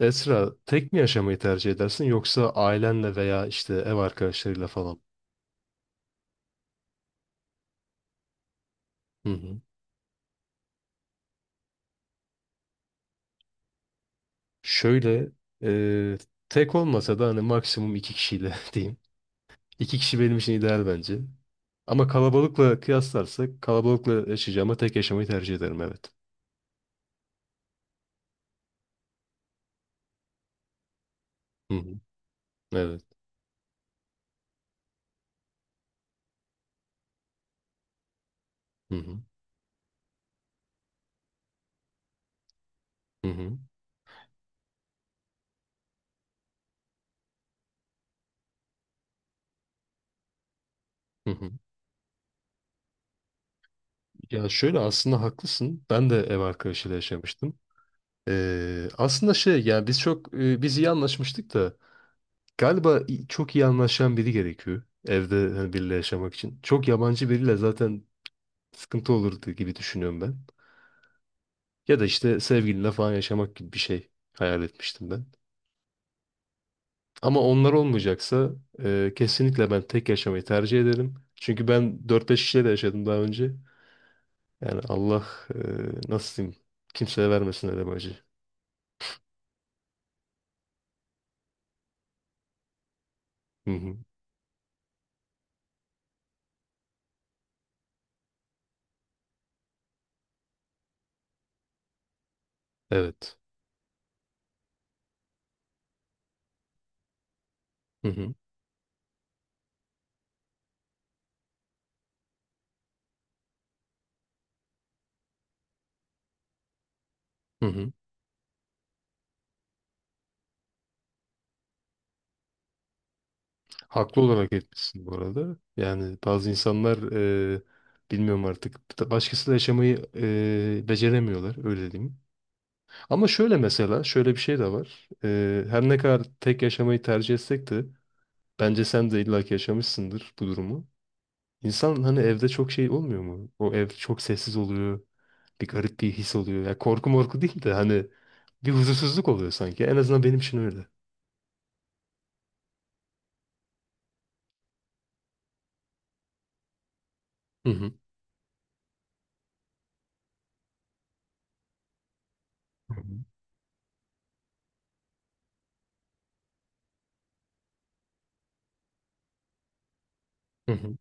Esra, tek mi yaşamayı tercih edersin yoksa ailenle veya işte ev arkadaşlarıyla falan? Hı hı. Şöyle, e, tek olmasa da hani maksimum iki kişiyle diyeyim. İki kişi benim için ideal bence. Ama kalabalıkla kıyaslarsak kalabalıkla yaşayacağıma tek yaşamayı tercih ederim, evet. Hı hı. Evet. Hı hı. Hı hı. Hı hı. Ya şöyle, aslında haklısın. Ben de ev arkadaşıyla yaşamıştım. Aslında şey, yani biz iyi anlaşmıştık da. Galiba çok iyi anlaşan biri gerekiyor evde, hani biriyle yaşamak için. Çok yabancı biriyle zaten sıkıntı olurdu gibi düşünüyorum ben. Ya da işte sevgilinle falan yaşamak gibi bir şey hayal etmiştim ben. Ama onlar olmayacaksa kesinlikle ben tek yaşamayı tercih ederim. Çünkü ben dört beş kişiyle de yaşadım daha önce. Yani Allah e, nasıl diyeyim, kimseye vermesin öyle bir acı. Hı hı. Evet. Hı hı. Hı hı. Haklı olarak etmişsin bu arada. Yani bazı insanlar e, bilmiyorum, artık başkasıyla yaşamayı beceremiyorlar, öyle diyeyim. Ama şöyle, mesela şöyle bir şey de var. Her ne kadar tek yaşamayı tercih etsek de bence sen de illaki yaşamışsındır bu durumu. İnsan, hani evde çok şey olmuyor mu? O ev çok sessiz oluyor. Bir garip bir his oluyor. Ya korku morku değil de hani bir huzursuzluk oluyor sanki. En azından benim için öyle. Hı hı. Hı hı. Hı hı.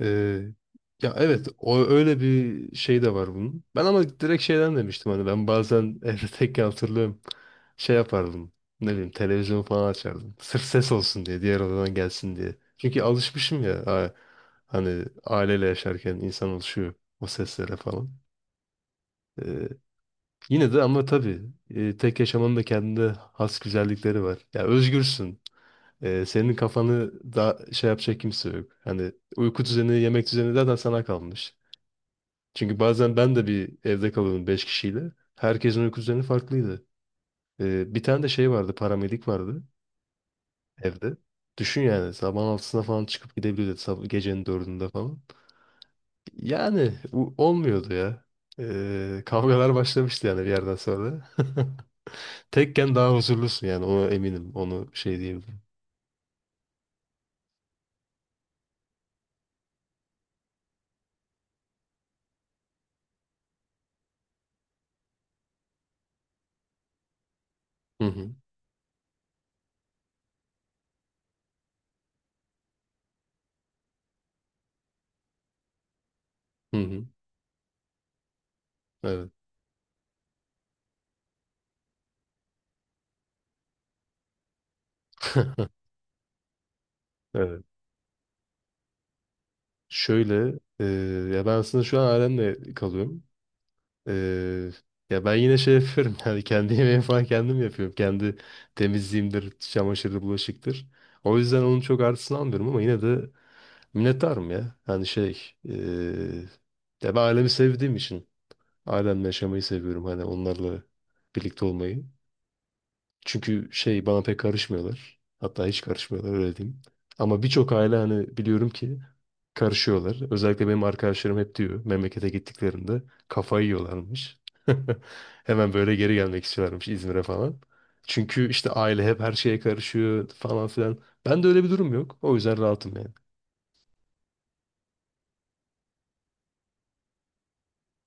Ee, ya evet, o öyle bir şey de var bunun. Ben ama direkt şeyden demiştim, hani ben bazen evde tekken hatırlıyorum, şey yapardım. Ne bileyim, televizyon falan açardım. Sırf ses olsun diye, diğer odadan gelsin diye. Çünkü alışmışım ya, hani aileyle yaşarken insan alışıyor o seslere falan. Ee, yine de, ama tabii tek yaşamanın da kendine has güzellikleri var. Ya özgürsün. Senin kafanı da şey yapacak kimse yok. Hani uyku düzeni, yemek düzeni zaten sana kalmış. Çünkü bazen ben de bir evde kalıyordum 5 kişiyle. Herkesin uyku düzeni farklıydı. Bir tane de şey vardı, paramedik vardı evde. Düşün yani, sabahın altısına falan çıkıp gidebiliyordu, gecenin dördünde falan. Yani olmuyordu ya. Kavgalar başlamıştı yani bir yerden sonra. Tekken daha huzurlusun yani, ona eminim. Onu şey diyebilirim. Hı hı. Hı hı. Evet. Evet. Şöyle ya ben aslında şu an ailemle kalıyorum. Ee, ya ben yine şey yapıyorum yani, kendi yemeğimi falan kendim yapıyorum. Kendi temizliğimdir, çamaşırdır, bulaşıktır. O yüzden onun çok artısını almıyorum, ama yine de minnettarım ya. Yani şey, ya ben ailemi sevdiğim için ailemle yaşamayı seviyorum. Hani onlarla birlikte olmayı. Çünkü şey, bana pek karışmıyorlar. Hatta hiç karışmıyorlar, öyle diyeyim. Ama birçok aile hani, biliyorum ki karışıyorlar. Özellikle benim arkadaşlarım hep diyor, memlekete gittiklerinde kafayı yiyorlarmış. Hemen böyle geri gelmek istiyorlarmış İzmir'e falan. Çünkü işte aile hep her şeye karışıyor falan filan. Ben de öyle bir durum yok. O yüzden rahatım yani.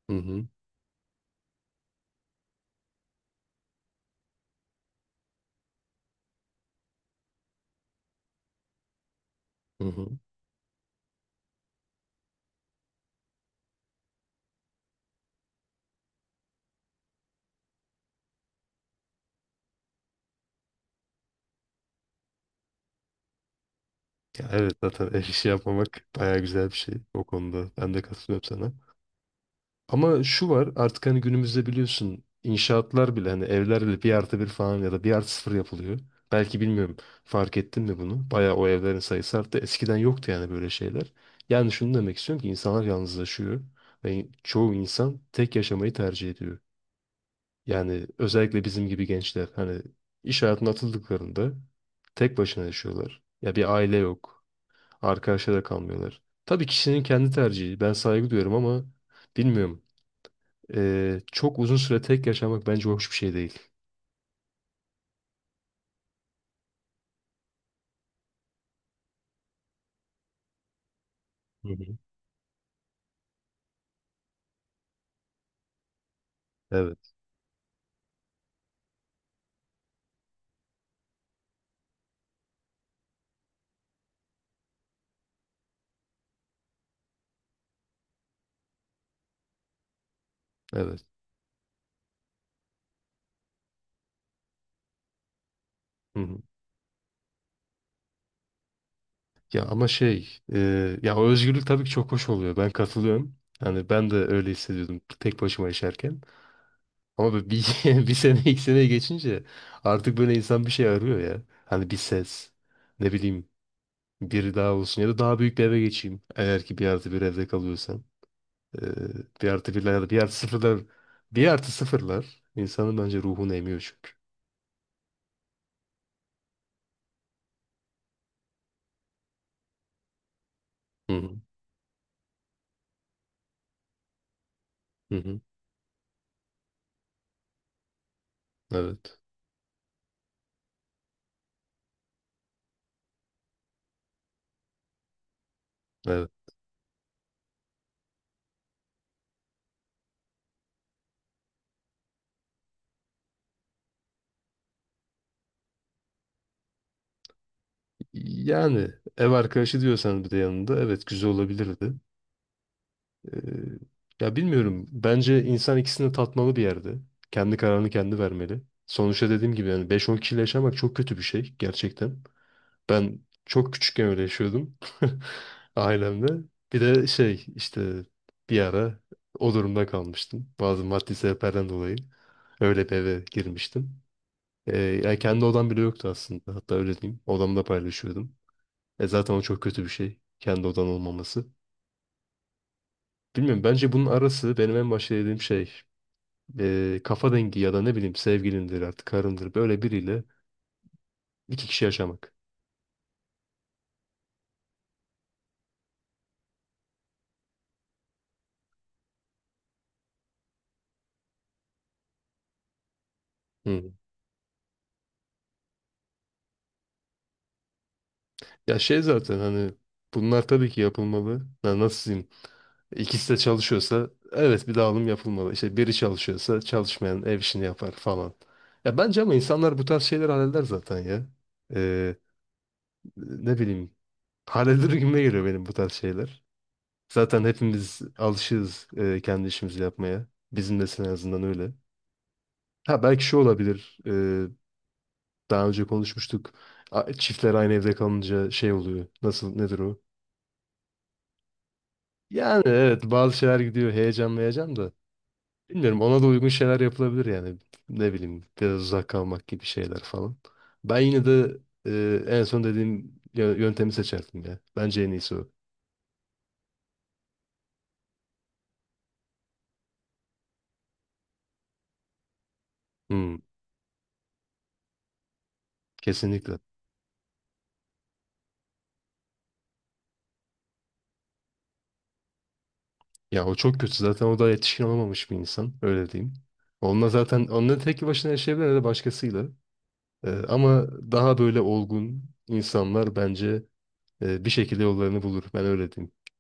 Hı hı. Hı hı. Ya evet, zaten ev işi yapmamak bayağı güzel bir şey o konuda. Ben de katılıyorum sana. Ama şu var artık, hani günümüzde biliyorsun, inşaatlar bile hani evlerle 1+1 falan ya da 1+0 yapılıyor. Belki bilmiyorum, fark ettin mi bunu? Bayağı o evlerin sayısı arttı. Eskiden yoktu yani böyle şeyler. Yani şunu demek istiyorum ki insanlar yalnızlaşıyor ve çoğu insan tek yaşamayı tercih ediyor. Yani özellikle bizim gibi gençler hani, iş hayatına atıldıklarında tek başına yaşıyorlar. Ya bir aile yok. Arkadaşlara da kalmıyorlar. Tabii kişinin kendi tercihi. Ben saygı duyuyorum ama bilmiyorum. Çok uzun süre tek yaşamak bence hoş bir şey değil. Hı hı. Evet, evet. Hı hı. Ya ama şey, ya o özgürlük tabii ki çok hoş oluyor. Ben katılıyorum. Yani ben de öyle hissediyordum tek başıma yaşarken. Ama böyle bir, bir sene iki sene geçince artık böyle insan bir şey arıyor ya. Hani bir ses, ne bileyim, biri daha olsun ya da daha büyük bir eve geçeyim. Eğer ki 1+1 evde kalıyorsam. Ee, bir artı birler ya da bir artı sıfırlar. Bir artı sıfırlar insanın bence ruhunu emiyor çünkü. Hı hı. Hı hı. Evet. Evet. Yani ev arkadaşı diyorsan bir de yanında, evet, güzel olabilirdi. Ee, ya bilmiyorum. Bence insan ikisini tatmalı bir yerde. Kendi kararını kendi vermeli. Sonuçta dediğim gibi yani, beş on kişiyle yaşamak çok kötü bir şey gerçekten. Ben çok küçükken öyle yaşıyordum ailemle. Bir de şey, işte bir ara o durumda kalmıştım. Bazı maddi sebeplerden dolayı öyle bir eve girmiştim. Yani kendi odam bile yoktu aslında. Hatta öyle diyeyim, odamda paylaşıyordum. E zaten o çok kötü bir şey, kendi odan olmaması. Bilmiyorum, bence bunun arası benim en başta dediğim şey, kafa dengi ya da ne bileyim, sevgilindir artık, karındır, böyle biriyle iki kişi yaşamak. Hı. Ya şey, zaten hani bunlar tabii ki yapılmalı. Ya nasıl diyeyim? İkisi de çalışıyorsa evet bir dağılım yapılmalı. İşte biri çalışıyorsa çalışmayan ev işini yapar falan. Ya bence ama insanlar bu tarz şeyler halleder zaten ya. E, ne bileyim, halleder gibime geliyor benim bu tarz şeyler. Zaten hepimiz alışığız kendi işimizi yapmaya. Bizim de en azından öyle. Ha belki şu olabilir. Daha önce konuşmuştuk. Çiftler aynı evde kalınca şey oluyor. Nasıl, nedir o? Yani evet, bazı şeyler gidiyor. Heyecan, heyecan da. Bilmiyorum, ona da uygun şeyler yapılabilir yani. Ne bileyim, biraz uzak kalmak gibi şeyler falan. Ben yine de en son dediğim yöntemi seçerdim ya. Bence en iyisi o. Hmm, kesinlikle. Ya o çok kötü. Zaten o da yetişkin olamamış bir insan, öyle diyeyim. Onunla zaten, onunla tek başına yaşayabilir ya da başkasıyla. Ama daha böyle olgun insanlar bence bir şekilde yollarını bulur. Ben öyle diyeyim.